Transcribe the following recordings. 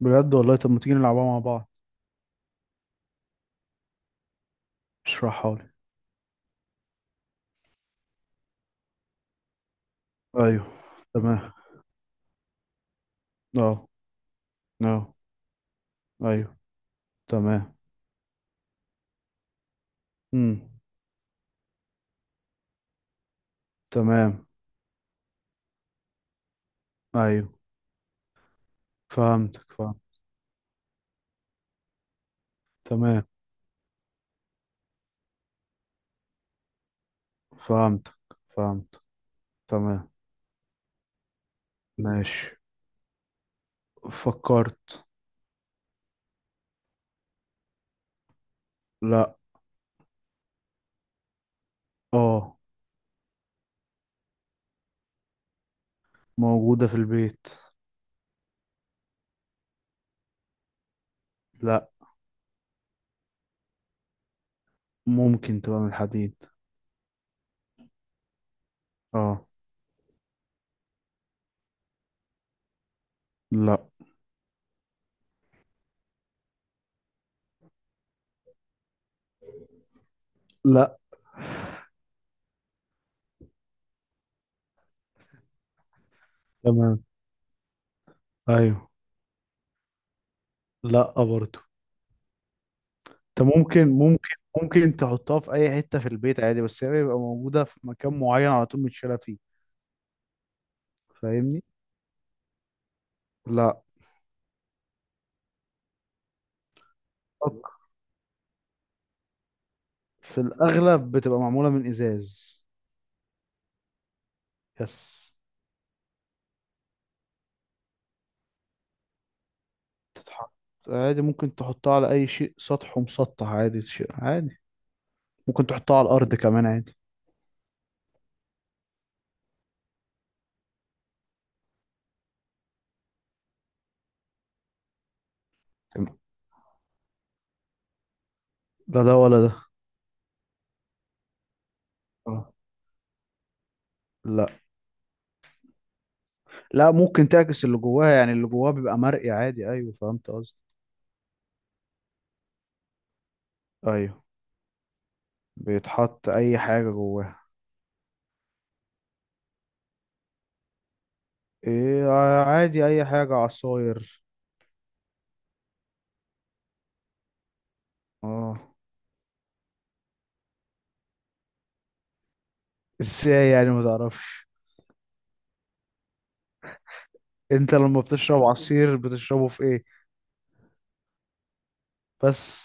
بجد والله. طب ما تيجي نلعبها مع بعض. اشرحها لي. ايوه. تمام. اه. اه. ايوه. تمام. امم تمام. ايوه. فهمتك، فهمت. تمام. فهمتك، فهمت. تمام. ماشي، فكرت. لا. اه. موجودة في البيت. لا. ممكن تبقى من الحديد. اه. لا. لا. تمام. ايوه. لا برضو. انت ممكن تحطها في اي حته في البيت عادي، بس هي بيبقى موجوده في مكان معين على طول متشاله فيه، فاهمني؟ لا. أك- في الاغلب بتبقى معموله من ازاز. يس. تتحط عادي، ممكن تحطها على اي شيء سطح ومسطح عادي، شيء عادي. ممكن تحطها على الارض كمان عادي. تمام. لا ده ولا ده. اه. لا. لا، ممكن تعكس اللي جواها، يعني اللي جواها بيبقى مرئي عادي، ايوه فهمت قصدي. ايوه. بيتحط اي حاجه جواها. ايه؟ عادي اي حاجه، عصاير. اه. ازاي يعني ما تعرفش؟ انت لما بتشرب عصير بتشربه في ايه؟ بس.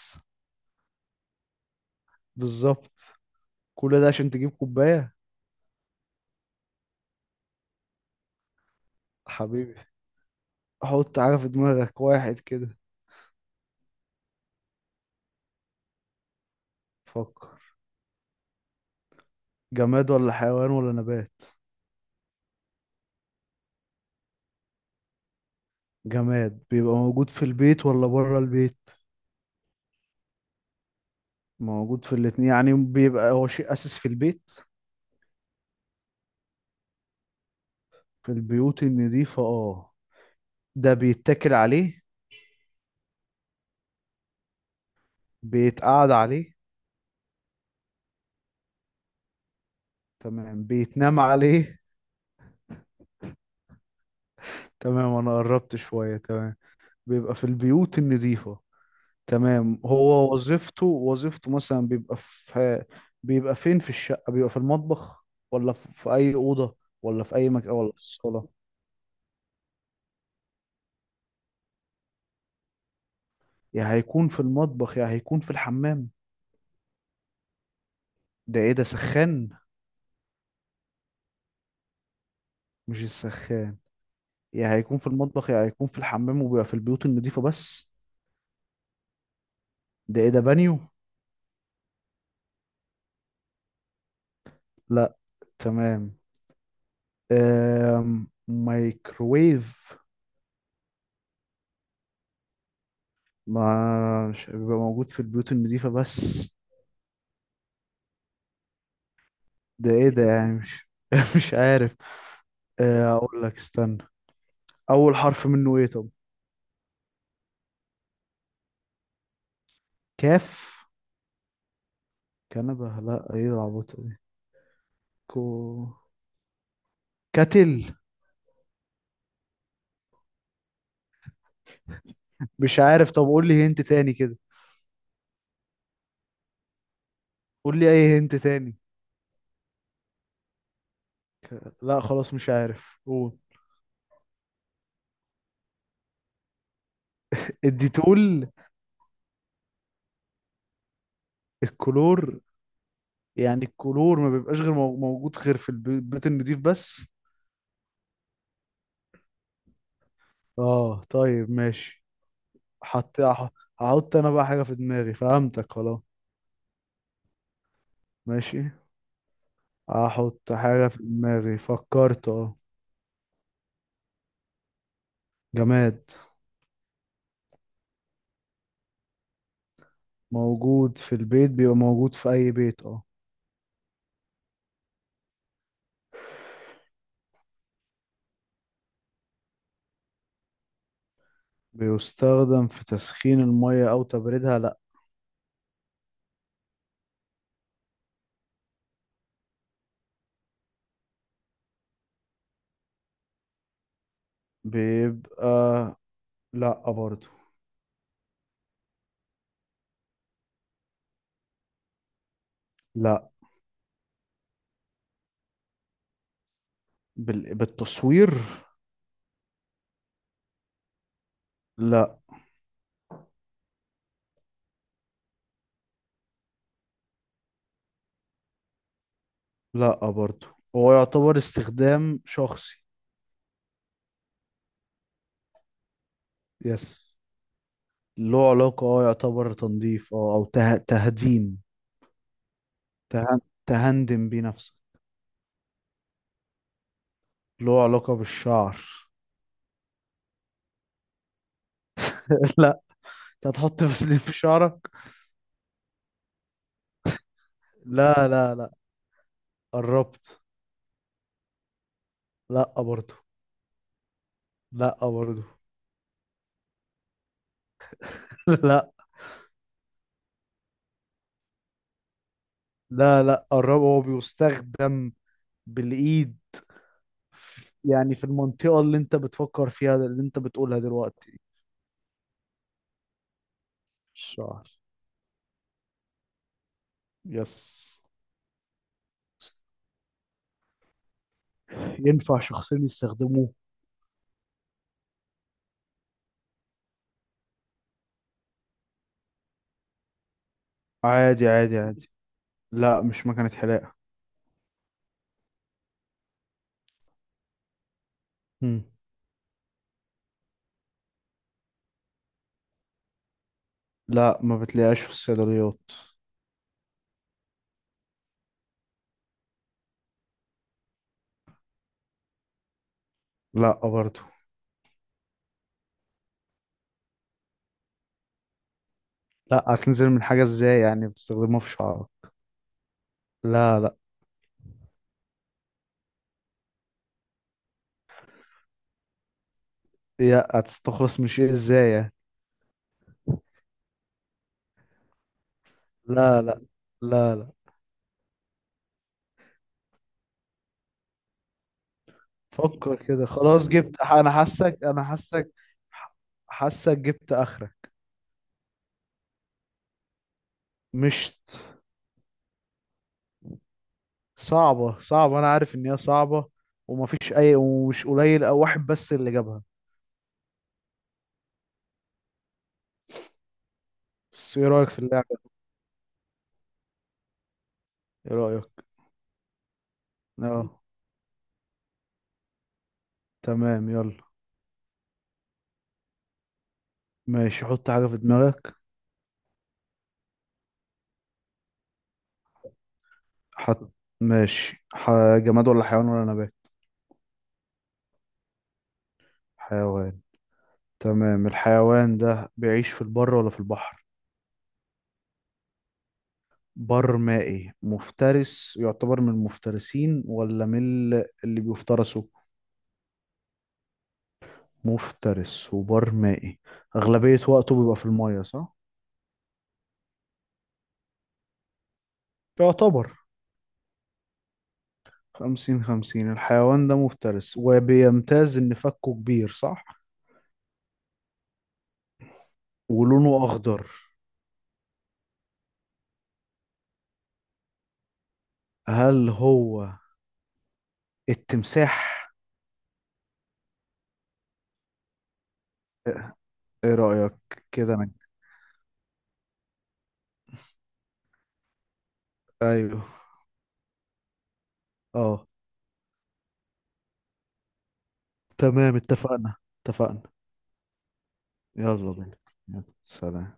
بالظبط. كل ده عشان تجيب كوباية. حبيبي. حط حاجة في دماغك واحد كده. فكر. جماد ولا حيوان ولا نبات؟ جماد بيبقى موجود في البيت ولا بره البيت؟ موجود في الاتنين، يعني بيبقى هو شيء أساسي في البيت. في البيوت النظيفة اه. ده بيتاكل عليه؟ بيتقعد عليه؟ تمام، بيتنام عليه؟ تمام انا قربت شوية. تمام، بيبقى في البيوت النظيفة. تمام، هو وظيفته، مثلا بيبقى في، بيبقى فين في الشقة؟ بيبقى في المطبخ، ولا في أي أوضة، ولا في أي مكان، ولا في الصالة؟ يا هيكون في المطبخ يا هيكون في الحمام. ده إيه، ده سخان؟ مش السخان. يا هيكون في المطبخ يا هيكون في الحمام، وبيبقى في البيوت النظيفة بس. ده إيه، ده بانيو؟ لا. تمام. مايكرويف. ما مش بيبقى موجود في البيوت النظيفة بس. ده ايه ده يعني، مش مش عارف. آه، اقول لك، استنى. اول حرف منه ايه طب؟ كاف. كنبه؟ لا ايه العبط دي. كو. كتل. مش عارف. طب قول لي هنت تاني كده، قول لي اي هنت تاني. لا خلاص مش عارف، قول. الديتول. الكلور. يعني الكلور ما بيبقاش غير موجود غير في البيت النضيف بس. اه طيب ماشي. حط، هحط انا بقى حاجة في دماغي، فهمتك خلاص. ماشي. احط حاجة في دماغي. فكرت اه. جماد. موجود في البيت، بيبقى موجود في أي بيت اه. بيستخدم في تسخين المية أو تبريدها، لأ. بيبقى، لأ برضو. لأ. بالتصوير. لأ. لأ برضو. هو يعتبر استخدام شخصي. يس. له علاقة اه، يعتبر تنظيف اه، أو تهديم، تهن... تهندم بيه نفسك. له علاقة بالشعر. لأ. انت هتحط فسيلين في شعرك؟ لا لا لا. قربت. لأ برضو. لأ برضو. لا. لا لا، قربه. هو بيستخدم بالإيد، يعني في المنطقة اللي انت بتفكر فيها، اللي انت بتقولها دلوقتي. الشعر. يس. ينفع شخصين يستخدموه، عادي عادي عادي. لا مش مكنة حلاقة. مم. لا ما بتلاقيهاش في الصيدليات. لا برضو. لا هتنزل من حاجة ازاي، يعني بتستخدمها في شعرك. لا لا. يا هتستخلص من شيء ازاي يعني. لا لا. لا لا. فكر كده خلاص، جبت، انا حاسك انا حاسك. حاسك جبت اخرك. مش. صعبة صعبة، انا عارف ان هي صعبة، ومفيش اي، ومش قليل او واحد بس اللي جابها. بس ايه رأيك في اللعبة؟ ايه رأيك؟ اه. تمام يلا. ماشي، حط حاجة في دماغك. حط. ماشي جماد ولا حيوان ولا نبات؟ حيوان. تمام، الحيوان ده بيعيش في البر ولا في البحر؟ بر مائي، مفترس، يعتبر من المفترسين ولا من اللي بيفترسوا؟ مفترس وبر مائي، أغلبية وقته بيبقى في المية صح؟ يعتبر 50-50. الحيوان ده مفترس، وبيمتاز إن فكه كبير صح؟ ولونه أخضر. هل هو التمساح؟ إيه رأيك؟ كده أنا. أيوه. أه تمام اتفقنا. اتفقنا. يلا بينا. يلا سلام.